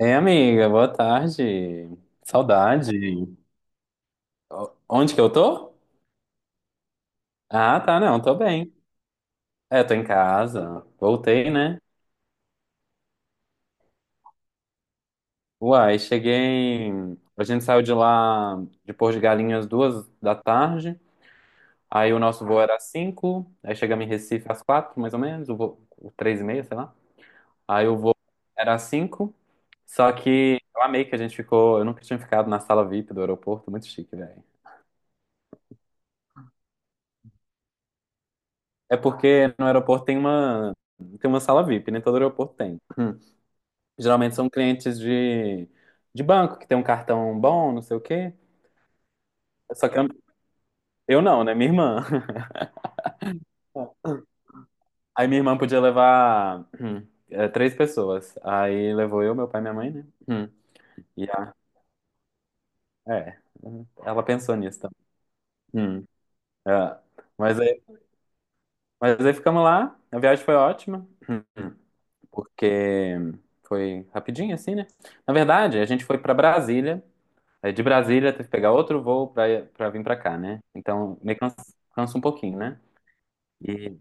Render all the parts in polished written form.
Ei, amiga, boa tarde. Saudade. Onde que eu tô? Ah, tá, não, tô bem. É, tô em casa. Voltei, né? Uai, cheguei. A gente saiu de lá de Porto de Galinhas 2 da tarde. Aí o nosso voo era às 5. Aí chegamos em Recife às 4, mais ou menos. O voo, o 3:30, sei lá. Aí o voo era às 5. Só que eu amei que a gente ficou. Eu nunca tinha ficado na sala VIP do aeroporto. Muito chique. É porque no aeroporto tem uma sala VIP, nem todo aeroporto tem. Hum. Geralmente são clientes de banco, que tem um cartão bom, não sei o quê. Só que eu não, né? Minha irmã. Aí minha irmã podia levar 3 pessoas. Aí levou eu, meu pai e minha mãe, né? Hum. E a, é, ela pensou nisso também. Hum. É. Mas aí, mas aí ficamos lá, a viagem foi ótima, porque foi rapidinho assim, né? Na verdade, a gente foi pra Brasília. Aí de Brasília teve que pegar outro voo pra, pra vir pra cá, né? Então meio que cansa, cansa um pouquinho, né? E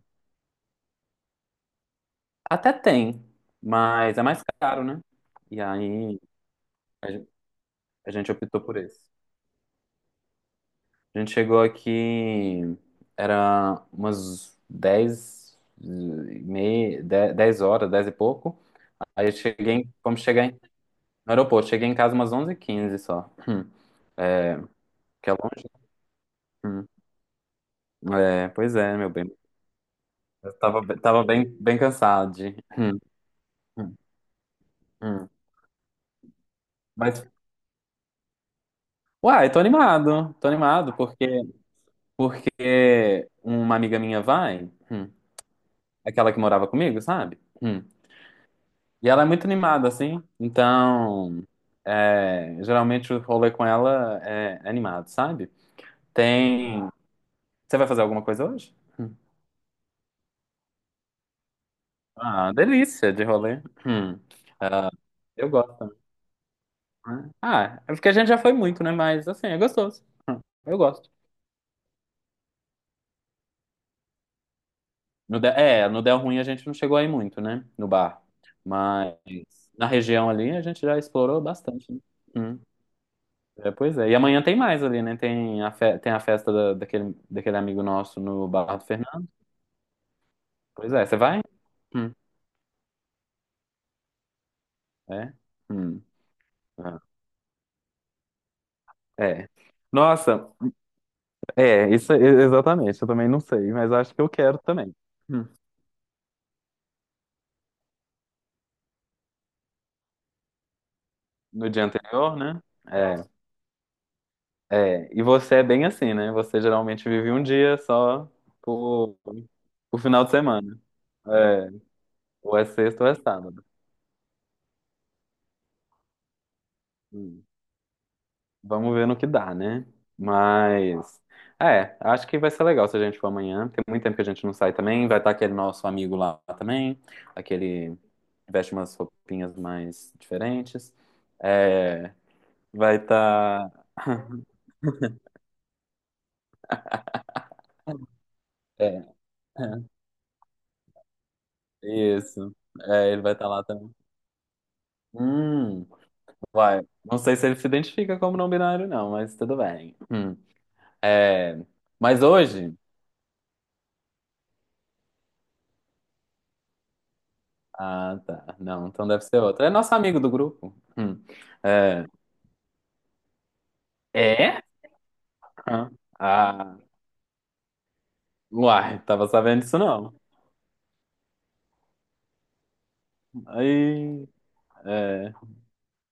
até tem, mas é mais caro, né? E aí a gen- a gente optou por esse. A gente chegou aqui, era umas 10:30, 10 horas, 10 e pouco. Aí eu cheguei, no aeroporto, cheguei em casa umas onze h 15 só. Que é longe. Hum. É, pois é, meu bem. Eu tava, tava bem, bem cansado. Hum, hum. Mas, uai, tô animado, porque uma amiga minha vai, aquela que morava comigo, sabe? E ela é muito animada, assim, então, é, geralmente o rolê com ela é animado, sabe? Tem... Você vai fazer alguma coisa hoje? Hum. Ah, delícia de rolê. Hum. Ah, eu gosto também, né? Ah, é porque a gente já foi muito, né? Mas, assim, é gostoso. Hum, Eu gosto. No Del, é, no Del Ruim a gente não chegou aí muito, né? No bar. Mas na região ali a gente já explorou bastante, né? Hum. É, pois é. E amanhã tem mais ali, né? Tem a, tem a festa daquele, daquele amigo nosso no Bar do Fernando. Pois é, você vai? Hum. É? Hum. Ah, é. Nossa, é, isso é- exatamente. Eu também não sei, mas acho que eu quero também. Hum. No dia anterior, né? É. É, e você é bem assim, né? Você geralmente vive um dia só por, por final de semana. É, ou é sexta ou é sábado. Hum, Vamos ver no que dá, né? Mas, é, acho que vai ser legal se a gente for amanhã. Tem muito tempo que a gente não sai também. Vai estar aquele nosso amigo lá também, aquele que veste umas roupinhas mais diferentes. É, vai estar. É, isso. É, ele vai estar lá também. Hum. Vai. Não sei se ele se identifica como não binário, não, mas tudo bem. Hum. É, mas hoje. Ah, tá. Não, então deve ser outro. É nosso amigo do grupo. Hum. É. É? Ah, ah. Uai, tava sabendo disso não. Aí. É,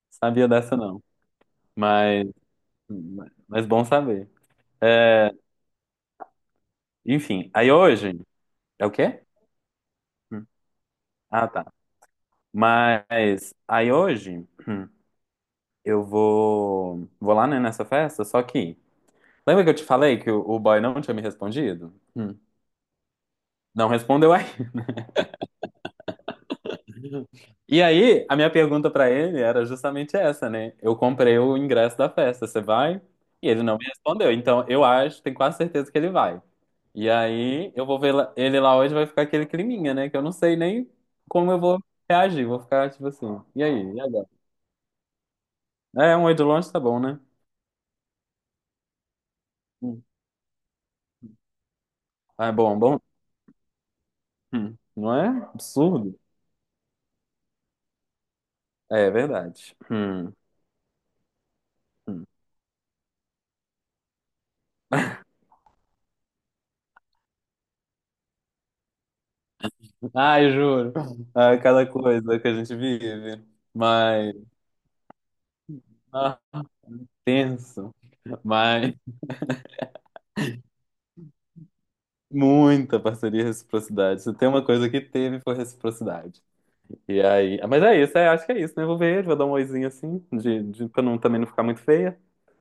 sabia dessa não. Mas. Mas bom saber. É, enfim, aí hoje. É o quê? Hum. Ah, tá. Mas. Aí hoje. Hum, eu vou. Vou lá, né, nessa festa, só que. Lembra que eu te falei que o boy não tinha me respondido? Hum. Não respondeu aí. E aí, a minha pergunta pra ele era justamente essa, né? Eu comprei o ingresso da festa, você vai? E ele não me respondeu. Então, eu acho, tenho quase certeza que ele vai. E aí, eu vou ver ele lá hoje, vai ficar aquele climinha, né? Que eu não sei nem como eu vou reagir. Vou ficar tipo assim. E aí? E agora? É, um oi de longe tá bom, né? Hum. Ah, é bom, é bom. Hum. Não é? Absurdo. É, é verdade. Hum, hum. Ai, juro. Ah, cada coisa que a gente vive. Mas, ah, tenso. Mas, muita parceria e reciprocidade. Se tem uma coisa que teve, foi reciprocidade. E aí. Ah, mas é isso, é, acho que é isso, né? Vou ver ele, vou dar um oizinho assim, de, pra não, também não ficar muito feia.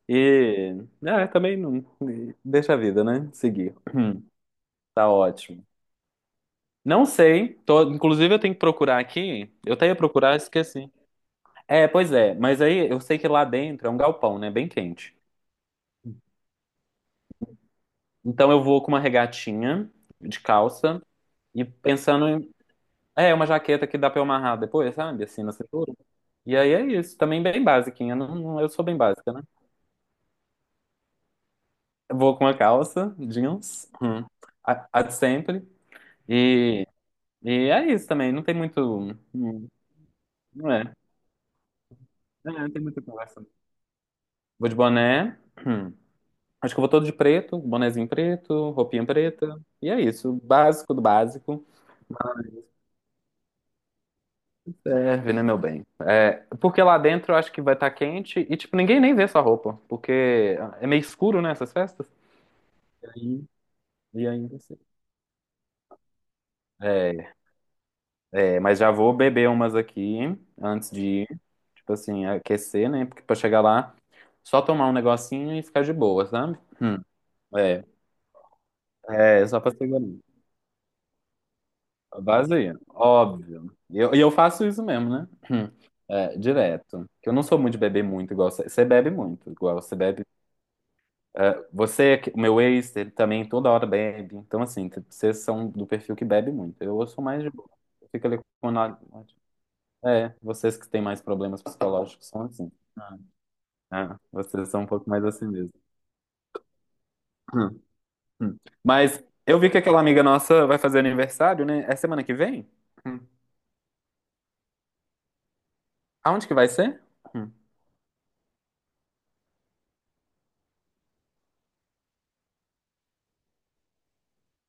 E. Ah, também não. E deixa a vida, né? Seguir. Tá ótimo. Não sei, tô, inclusive eu tenho que procurar aqui. Eu até ia procurar, esqueci. É, pois é, mas aí eu sei que lá dentro é um galpão, né? Bem quente. Então eu vou com uma regatinha de calça e pensando em. É, uma jaqueta que dá pra eu amarrar depois, sabe? Assim, na cintura. E aí é isso. Também bem basiquinha. Não, eu sou bem básica, né? Eu vou com uma calça, jeans, a de sempre. E, e é isso também. Não tem muito. Hum, não é. É, não tem muita conversa. Vou de boné. Hum. Acho que eu vou todo de preto, bonezinho preto, roupinha preta. E é isso. Básico do básico. Serve, né, meu bem? É, porque lá dentro eu acho que vai estar quente e, tipo, ninguém nem vê sua roupa, porque é meio escuro, né, essas festas. E aí- e ainda assim. É, é, mas já vou beber umas aqui antes de ir, tipo assim, aquecer, né? Porque pra chegar lá, só tomar um negocinho e ficar de boa, sabe? É, é, só pra segurar. Vazia, óbvio. E eu faço isso mesmo, né? É, direto. Que eu não sou muito de beber muito igual você. Você bebe muito, igual você bebe. É, você, o meu ex, ele também toda hora bebe. Então, assim, vocês são do perfil que bebe muito. Eu sou mais de boa. Eu fico ali com nada. É, vocês que têm mais problemas psicológicos são assim. Ah, vocês são um pouco mais assim mesmo. Hum, hum. Mas eu vi que aquela amiga nossa vai fazer aniversário, né? É semana que vem? Hum. Aonde que vai ser? Hum.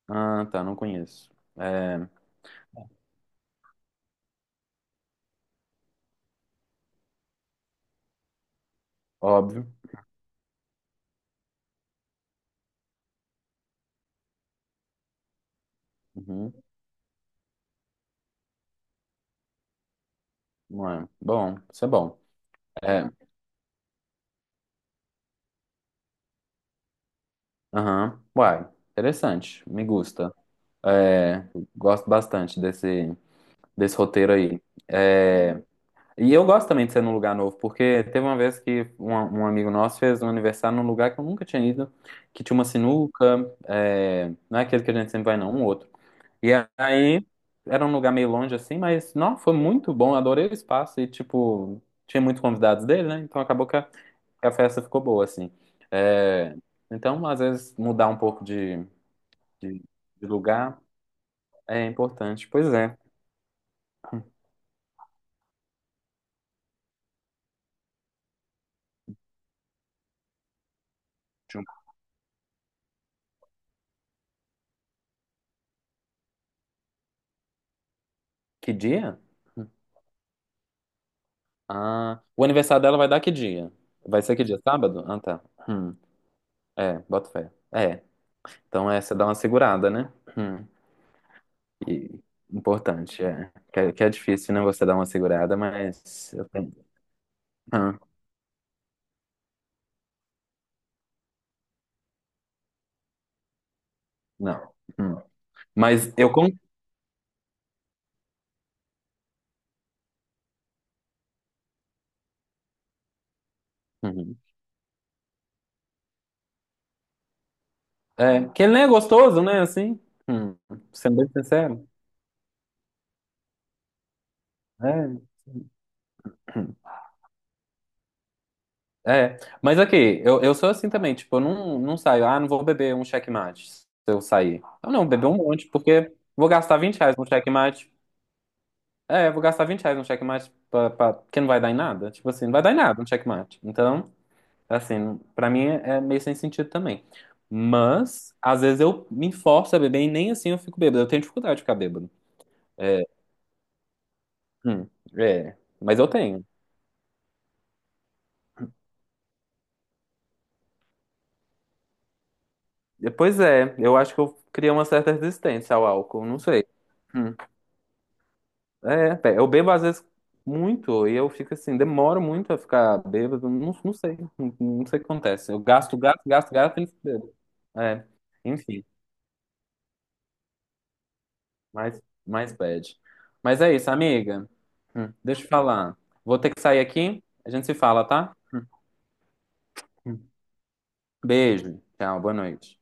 Ah, tá, não conheço. É, óbvio. Uhum. Ué, bom, isso é bom. É, aham. Uai, interessante. Me gusta. É, gosto bastante desse, desse roteiro aí. É, e eu gosto também de ser num lugar novo, porque teve uma vez que um amigo nosso fez um aniversário num lugar que eu nunca tinha ido, que tinha uma sinuca, é, não é aquele que a gente sempre vai, não, um outro. E aí era um lugar meio longe assim, mas não, foi muito bom, adorei o espaço e, tipo, tinha muitos convidados dele, né? Então acabou que a festa ficou boa, assim. É, então, às vezes, mudar um pouco de de lugar é importante. Pois é. Jun- Que dia? Ah, o aniversário dela vai dar que dia? Vai ser que dia? Sábado? Ah, tá. Hum, é, bota fé. É, então é, você dá uma segurada, né? Hum, e- importante, é. Que, é, que é difícil, né, você dar uma segurada, mas... Eu tenho... Hum, não. Hum. Mas eu... Uhum. É, que ele nem é gostoso, né, assim? Hum, sendo bem sincero. É. É, mas aqui, eu sou assim também, tipo, eu não, não saio, ah, não vou beber um checkmate se eu sair. Eu não, beber um monte, porque vou gastar R$ 20 num checkmate. É, vou gastar R$ 20 num checkmate pra, que não vai dar em nada. Tipo assim, não vai dar em nada um checkmate. Então, assim, pra mim é meio sem sentido também. Mas, às vezes eu me forço a beber e nem assim eu fico bêbado. Eu tenho dificuldade de ficar bêbado. É, hum, é, mas eu tenho. Pois é, eu acho que eu criei uma certa resistência ao álcool, não sei. Hum. É, pé, eu bebo às vezes muito e eu fico assim, demoro muito a ficar bêbado, não, não sei, não, não sei o que acontece. Eu gasto, gasto, gasto, gasto e bebo. É, enfim, mais bad. Mas é isso, amiga. Deixa eu te falar. Vou ter que sair aqui, a gente se fala, tá? Hum. Beijo, tchau, boa noite.